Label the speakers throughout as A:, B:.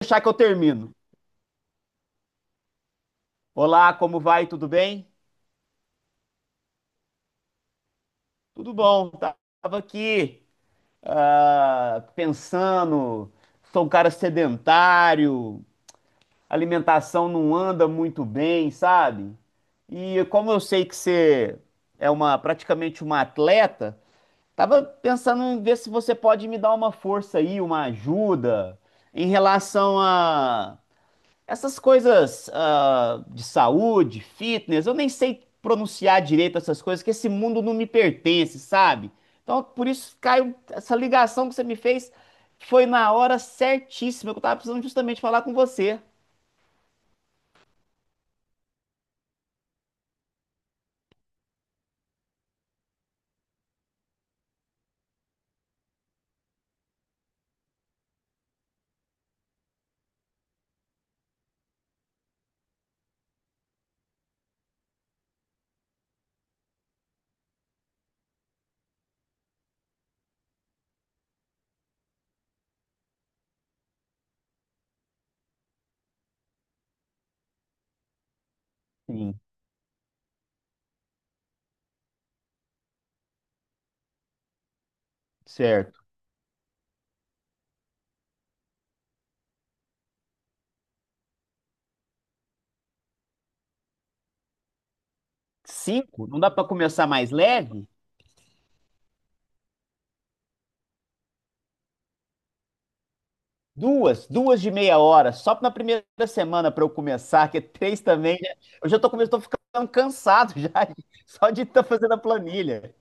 A: Deixar que eu termino. Olá, como vai? Tudo bem? Tudo bom. Tava aqui, pensando, sou um cara sedentário, alimentação não anda muito bem, sabe? E como eu sei que você é uma praticamente uma atleta, tava pensando em ver se você pode me dar uma força aí, uma ajuda em relação a essas coisas, de saúde, fitness. Eu nem sei pronunciar direito essas coisas, que esse mundo não me pertence, sabe? Então, por isso caiu essa ligação que você me fez, foi na hora certíssima que eu tava precisando justamente falar com você. Sim, certo. Cinco, não dá pra começar mais leve? Duas, duas de meia hora, só na primeira semana pra eu começar, que é três também. Eu já tô começando, tô ficando cansado já, só de estar fazendo a planilha.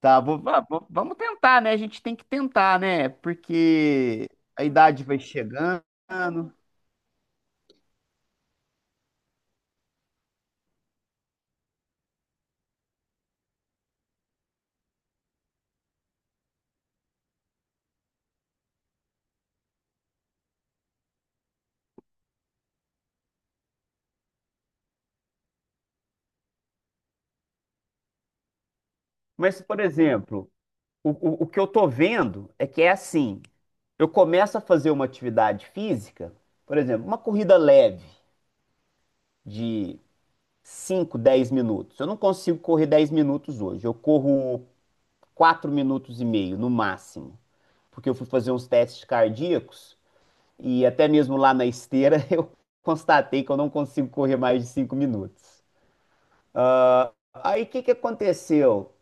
A: Tá, vamos tentar, né? A gente tem que tentar, né? Porque a idade vai chegando. Mas, por exemplo, o que eu tô vendo é que é assim: eu começo a fazer uma atividade física, por exemplo, uma corrida leve de cinco, 10 minutos. Eu não consigo correr 10 minutos hoje, eu corro 4 minutos e meio no máximo, porque eu fui fazer uns testes cardíacos. E até mesmo lá na esteira, eu constatei que eu não consigo correr mais de 5 minutos. Aí o que que aconteceu?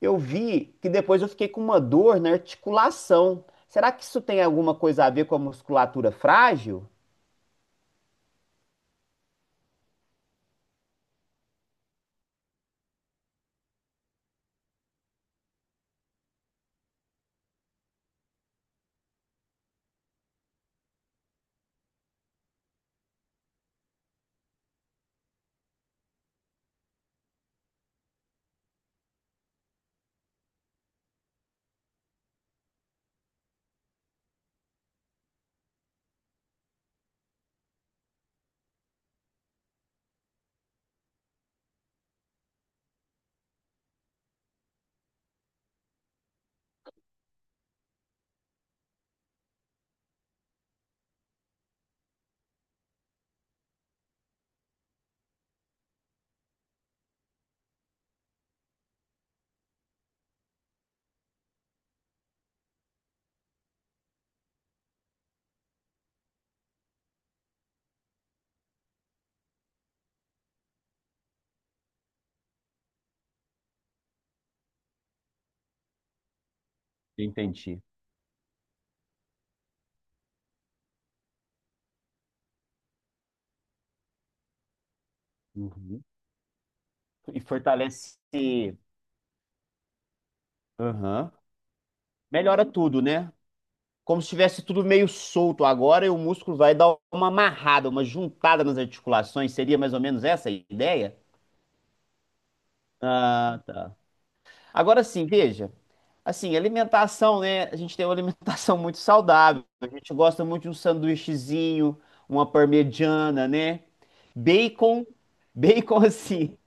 A: Eu vi que depois eu fiquei com uma dor na articulação. Será que isso tem alguma coisa a ver com a musculatura frágil? Entendi. Uhum. E fortalece. Aham. Melhora tudo, né? Como se tivesse tudo meio solto agora e o músculo vai dar uma amarrada, uma juntada nas articulações. Seria mais ou menos essa a ideia? Ah, tá. Agora sim, veja. Assim, alimentação, né? A gente tem uma alimentação muito saudável. A gente gosta muito de um sanduíchezinho, uma parmegiana, né? Bacon, bacon assim.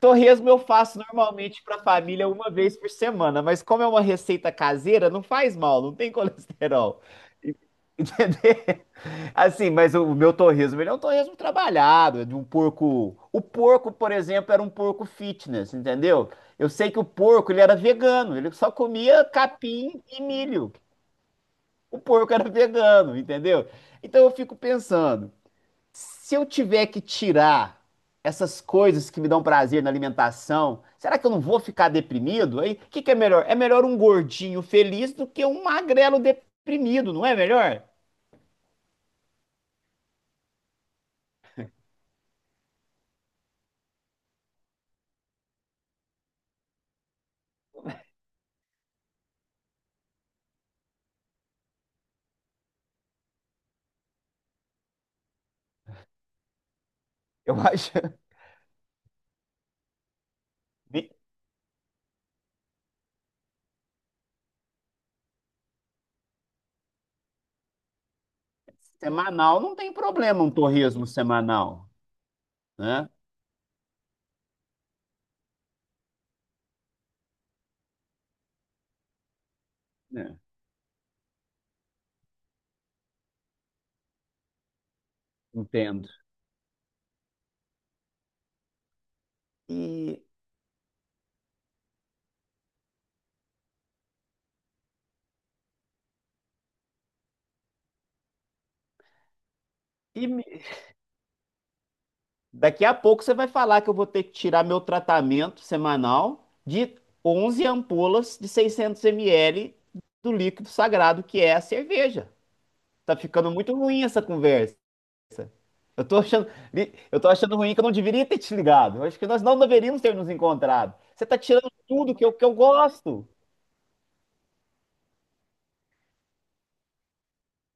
A: Torresmo eu faço normalmente para a família uma vez por semana, mas como é uma receita caseira, não faz mal, não tem colesterol. Entendeu? Assim, mas o meu torresmo, ele é um torresmo trabalhado, é de um porco. O porco, por exemplo, era um porco fitness, entendeu? Eu sei que o porco, ele era vegano, ele só comia capim e milho. O porco era vegano, entendeu? Então eu fico pensando, se eu tiver que tirar essas coisas que me dão prazer na alimentação, será que eu não vou ficar deprimido? Aí, o que que é melhor? É melhor um gordinho feliz do que um magrelo deprimido, não é melhor? Eu acho. Semanal, não tem problema um torresmo semanal, né? É, entendo. E, e me- Daqui a pouco você vai falar que eu vou ter que tirar meu tratamento semanal de 11 ampolas de 600 ml do líquido sagrado que é a cerveja. Tá ficando muito ruim essa conversa. Eu tô achando, eu tô achando ruim que eu não deveria ter te ligado. Eu acho que nós não deveríamos ter nos encontrado. Você tá tirando tudo que eu gosto.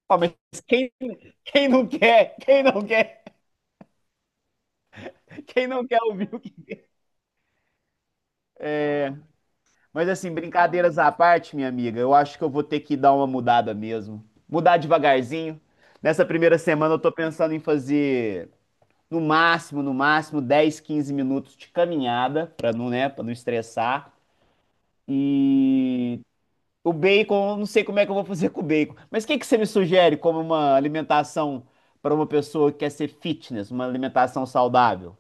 A: Ah, mas quem, quem não quer? Quem não quer? Quem não quer ouvir o que? Mas assim, brincadeiras à parte, minha amiga, eu acho que eu vou ter que dar uma mudada mesmo. Mudar devagarzinho. Nessa primeira semana eu tô pensando em fazer no máximo, no máximo 10, 15 minutos de caminhada, pra não, né, para não estressar. E o bacon, eu não sei como é que eu vou fazer com o bacon. Mas o que que você me sugere como uma alimentação para uma pessoa que quer ser fitness, uma alimentação saudável?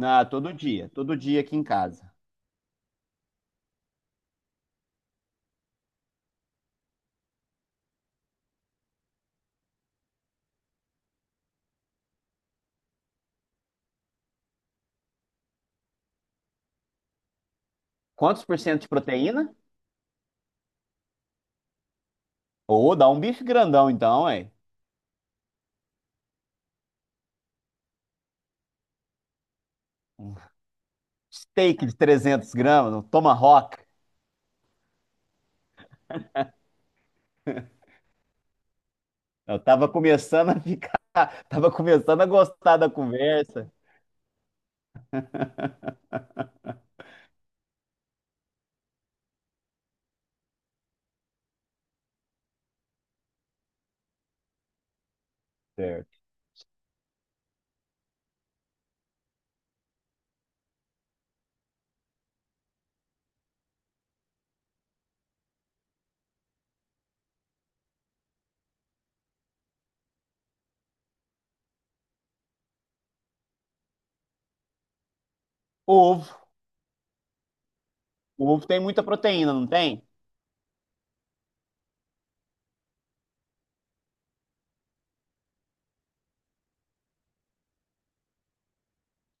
A: Ah, todo dia aqui em casa. Quantos por cento de proteína? Ou dá um bife grandão então, hein? Steak de 300 gramas, um tomahawk. Eu tava começando a ficar, tava começando a gostar da conversa. Certo. Ovo. O ovo tem muita proteína, não tem?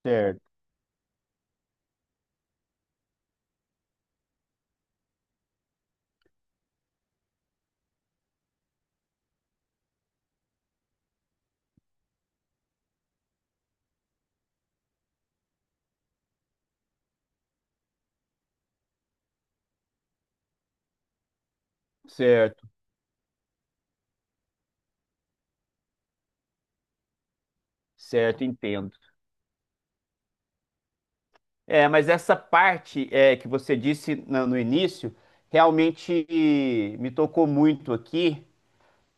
A: Certo, certo, certo, entendo. É, mas essa parte, que você disse no início, realmente me tocou muito aqui,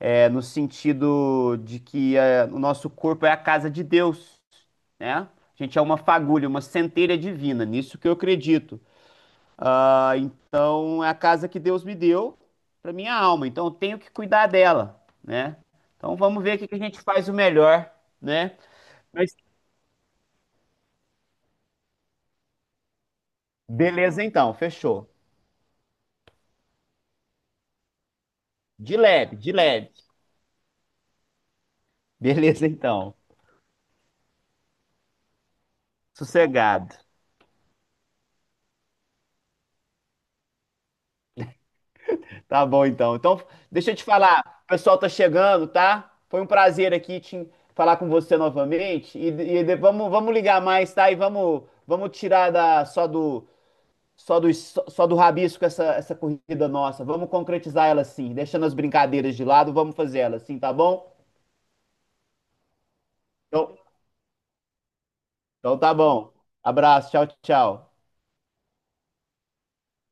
A: é, no sentido de que é, o nosso corpo é a casa de Deus, né? A gente é uma fagulha, uma centelha divina, nisso que eu acredito. Ah, então é a casa que Deus me deu para minha alma, então eu tenho que cuidar dela, né? Então vamos ver o que que a gente faz o melhor, né? Mas beleza então, fechou. De leve, de leve. Beleza então. Sossegado. Tá bom, então. Então, deixa eu te falar. O pessoal tá chegando, tá? Foi um prazer aqui te falar com você novamente. Vamos ligar mais, tá? E vamos tirar da, só do rabisco essa corrida nossa. Vamos concretizar ela, sim. Deixando as brincadeiras de lado, vamos fazer ela sim, tá bom? Então, então tá bom. Abraço, tchau, tchau.